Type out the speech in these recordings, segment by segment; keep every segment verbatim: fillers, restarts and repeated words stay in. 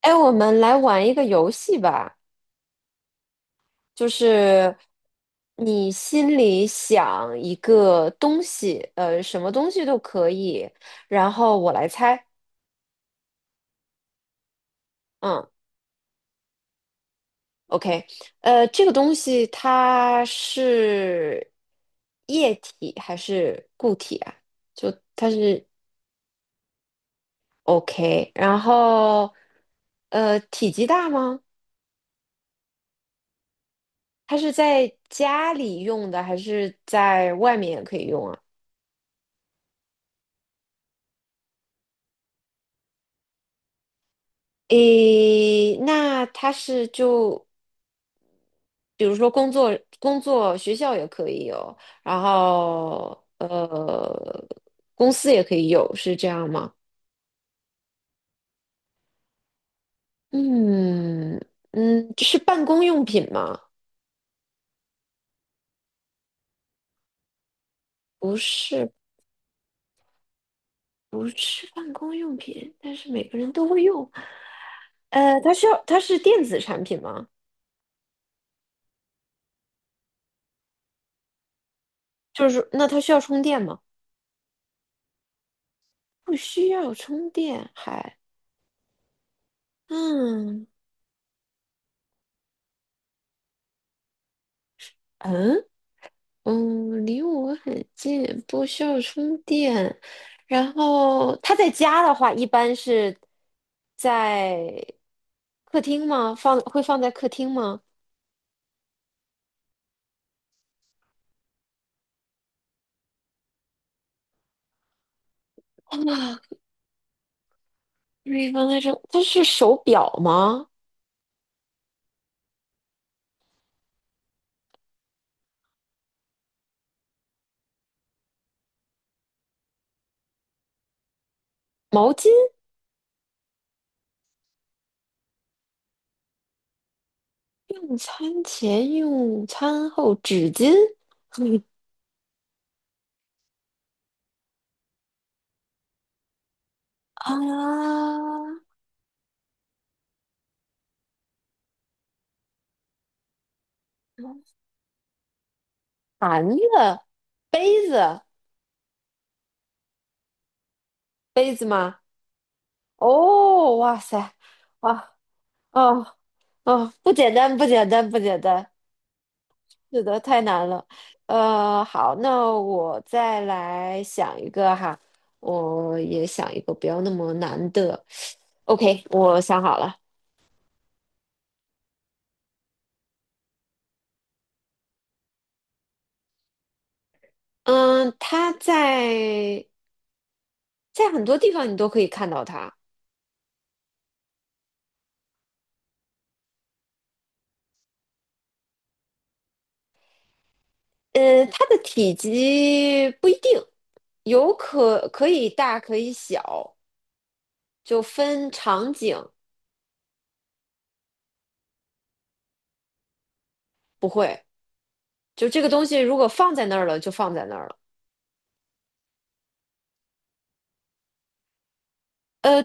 哎，我们来玩一个游戏吧，就是你心里想一个东西，呃，什么东西都可以，然后我来猜。嗯，OK，呃，这个东西它是液体还是固体啊？就它是 OK。然后呃，体积大吗？它是在家里用的还是在外面也可以用啊？诶，那他是就比如说工作、工作、学校也可以有，然后呃，公司也可以有，是这样吗？嗯嗯，是办公用品吗？不是，不是办公用品，但是每个人都会用。呃，它需要，它是电子产品吗？就是那它需要充电吗？不需要充电，还嗯嗯。嗯，离我很近，不需要充电。然后他在家的话，一般是在客厅吗？放，会放在客厅吗？啊，可以放在这。它是手表吗？毛巾？用餐前、用餐后纸巾？嗯啊，盘子、杯子、杯子吗？哦，哇塞，哇，哦哦，不简单，不简单，不简单，是的，太难了。呃，好，那我再来想一个哈，我也想一个不要那么难的。OK，我想好了。嗯，它在在很多地方你都可以看到它。呃，它的体积不一定，有可可以大可以小，就分场景。不会，就这个东西如果放在那儿了，就放在那儿了。呃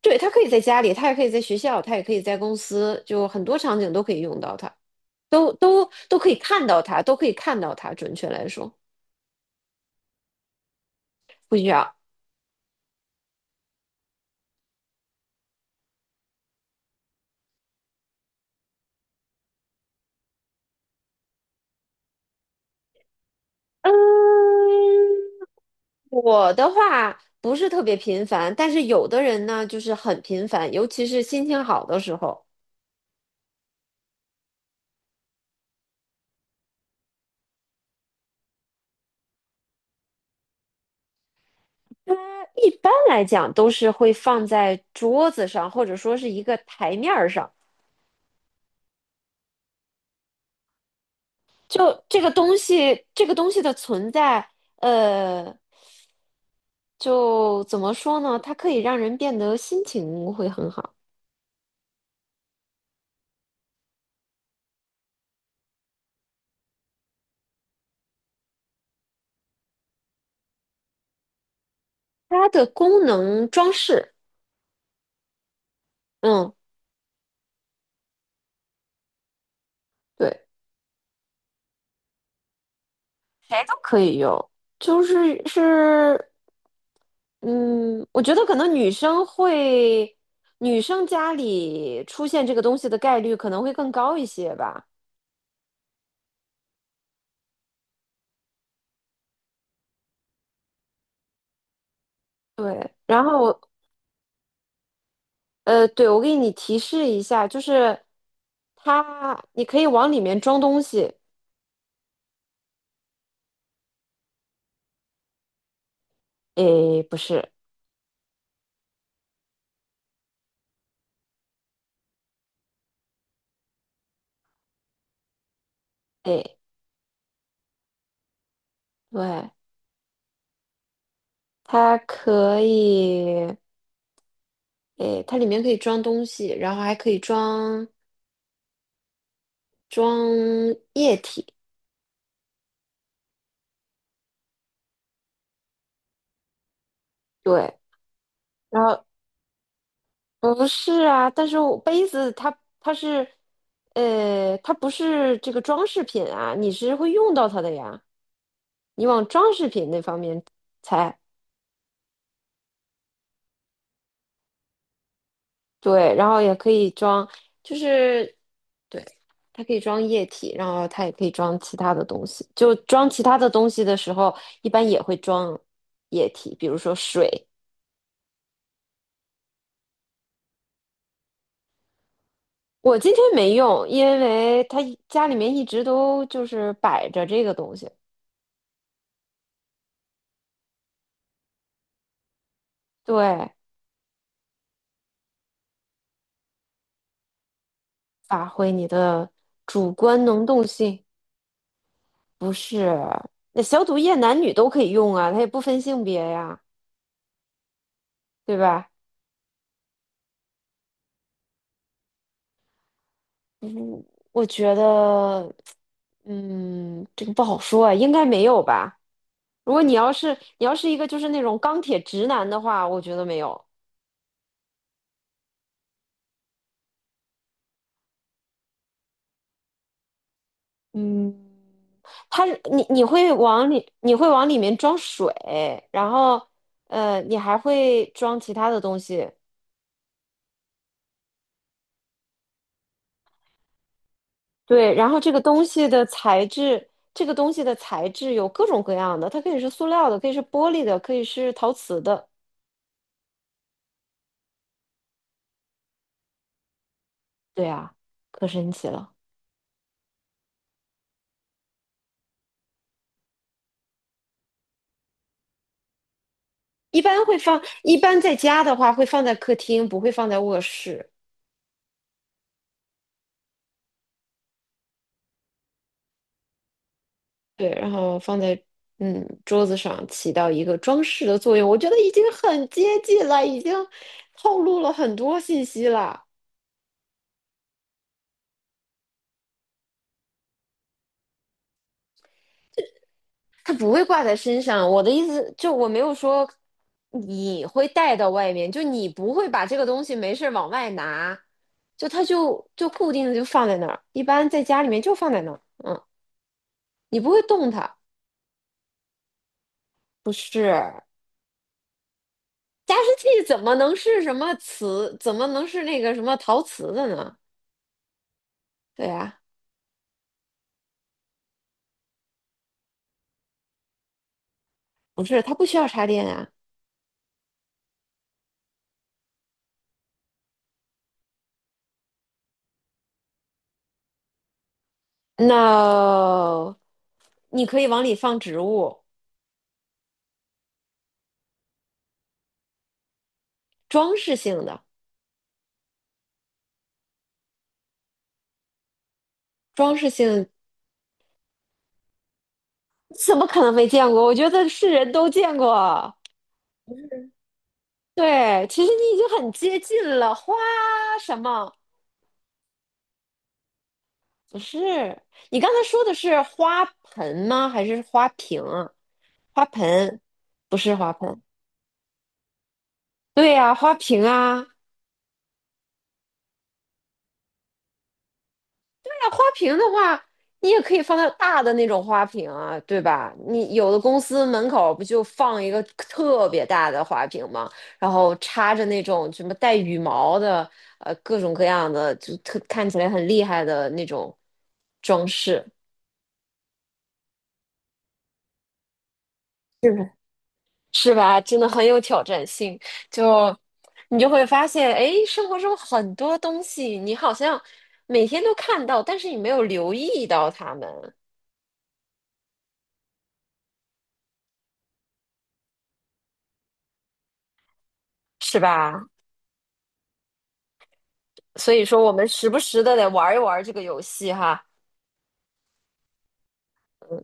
对，他可以在家里，他也可以在学校，他也可以在公司，就很多场景都可以用到它，都都都可以看到它，都可以看到它。准确来说，不需要。嗯，我的话不是特别频繁，但是有的人呢就是很频繁，尤其是心情好的时候。一般来讲都是会放在桌子上，或者说是一个台面儿上。就这个东西，这个东西的存在，呃。就怎么说呢？它可以让人变得心情会很好。它的功能装饰，嗯，对，谁都可以用，就是是，嗯，我觉得可能女生会，女生家里出现这个东西的概率可能会更高一些吧。对，然后呃，对，我给你提示一下，就是它，你可以往里面装东西。诶，不是，诶，对。它可以，诶，它里面可以装东西，然后还可以装装液体。对，然后不是啊，但是我杯子它它是，呃，它不是这个装饰品啊，你是会用到它的呀。你往装饰品那方面猜。对，然后也可以装，就是对，它可以装液体，然后它也可以装其他的东西。就装其他的东西的时候，一般也会装液体，比如说水。我今天没用，因为它一家里面一直都就是摆着这个东西。对，发挥你的主观能动性，不是？那消毒液男女都可以用啊，它也不分性别呀，对吧？嗯，我觉得，嗯，这个不好说啊，应该没有吧。如果你要是你要是一个就是那种钢铁直男的话，我觉得没有。嗯，他你你会往里你会往里面装水，然后呃你还会装其他的东西，对，然后这个东西的材质，这个东西的材质有各种各样的，它可以是塑料的，可以是玻璃的，可以是陶瓷的，对啊，可神奇了。一般会放，一般在家的话会放在客厅，不会放在卧室。对，然后放在嗯桌子上，起到一个装饰的作用。我觉得已经很接近了，已经透露了很多信息了。它不会挂在身上。我的意思就我没有说你会带到外面，就你不会把这个东西没事儿往外拿，就它就就固定的就放在那儿。一般在家里面就放在那儿，嗯，你不会动它。不是，加湿器怎么能是什么瓷？怎么能是那个什么陶瓷的呢？对啊，不是，它不需要插电呀。No，你可以往里放植物，装饰性的，装饰性，怎么可能没见过？我觉得是人都见过。对，其实你已经很接近了。花什么？不是，你刚才说的是花盆吗？还是花瓶啊花盆，不是花盆。对呀、花瓶啊，大花瓶的话，你也可以放在大的那种花瓶啊，对吧？你有的公司门口不就放一个特别大的花瓶吗？然后插着那种什么带羽毛的，呃，各种各样的，就特看起来很厉害的那种装饰，是不是？是吧？真的很有挑战性，就你就会发现，哎，生活中很多东西你好像每天都看到，但是你没有留意到它们，是吧？所以说我们时不时的得玩一玩这个游戏哈。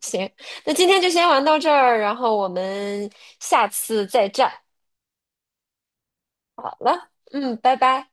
行，那今天就先玩到这儿，然后我们下次再战。好了，嗯，拜拜。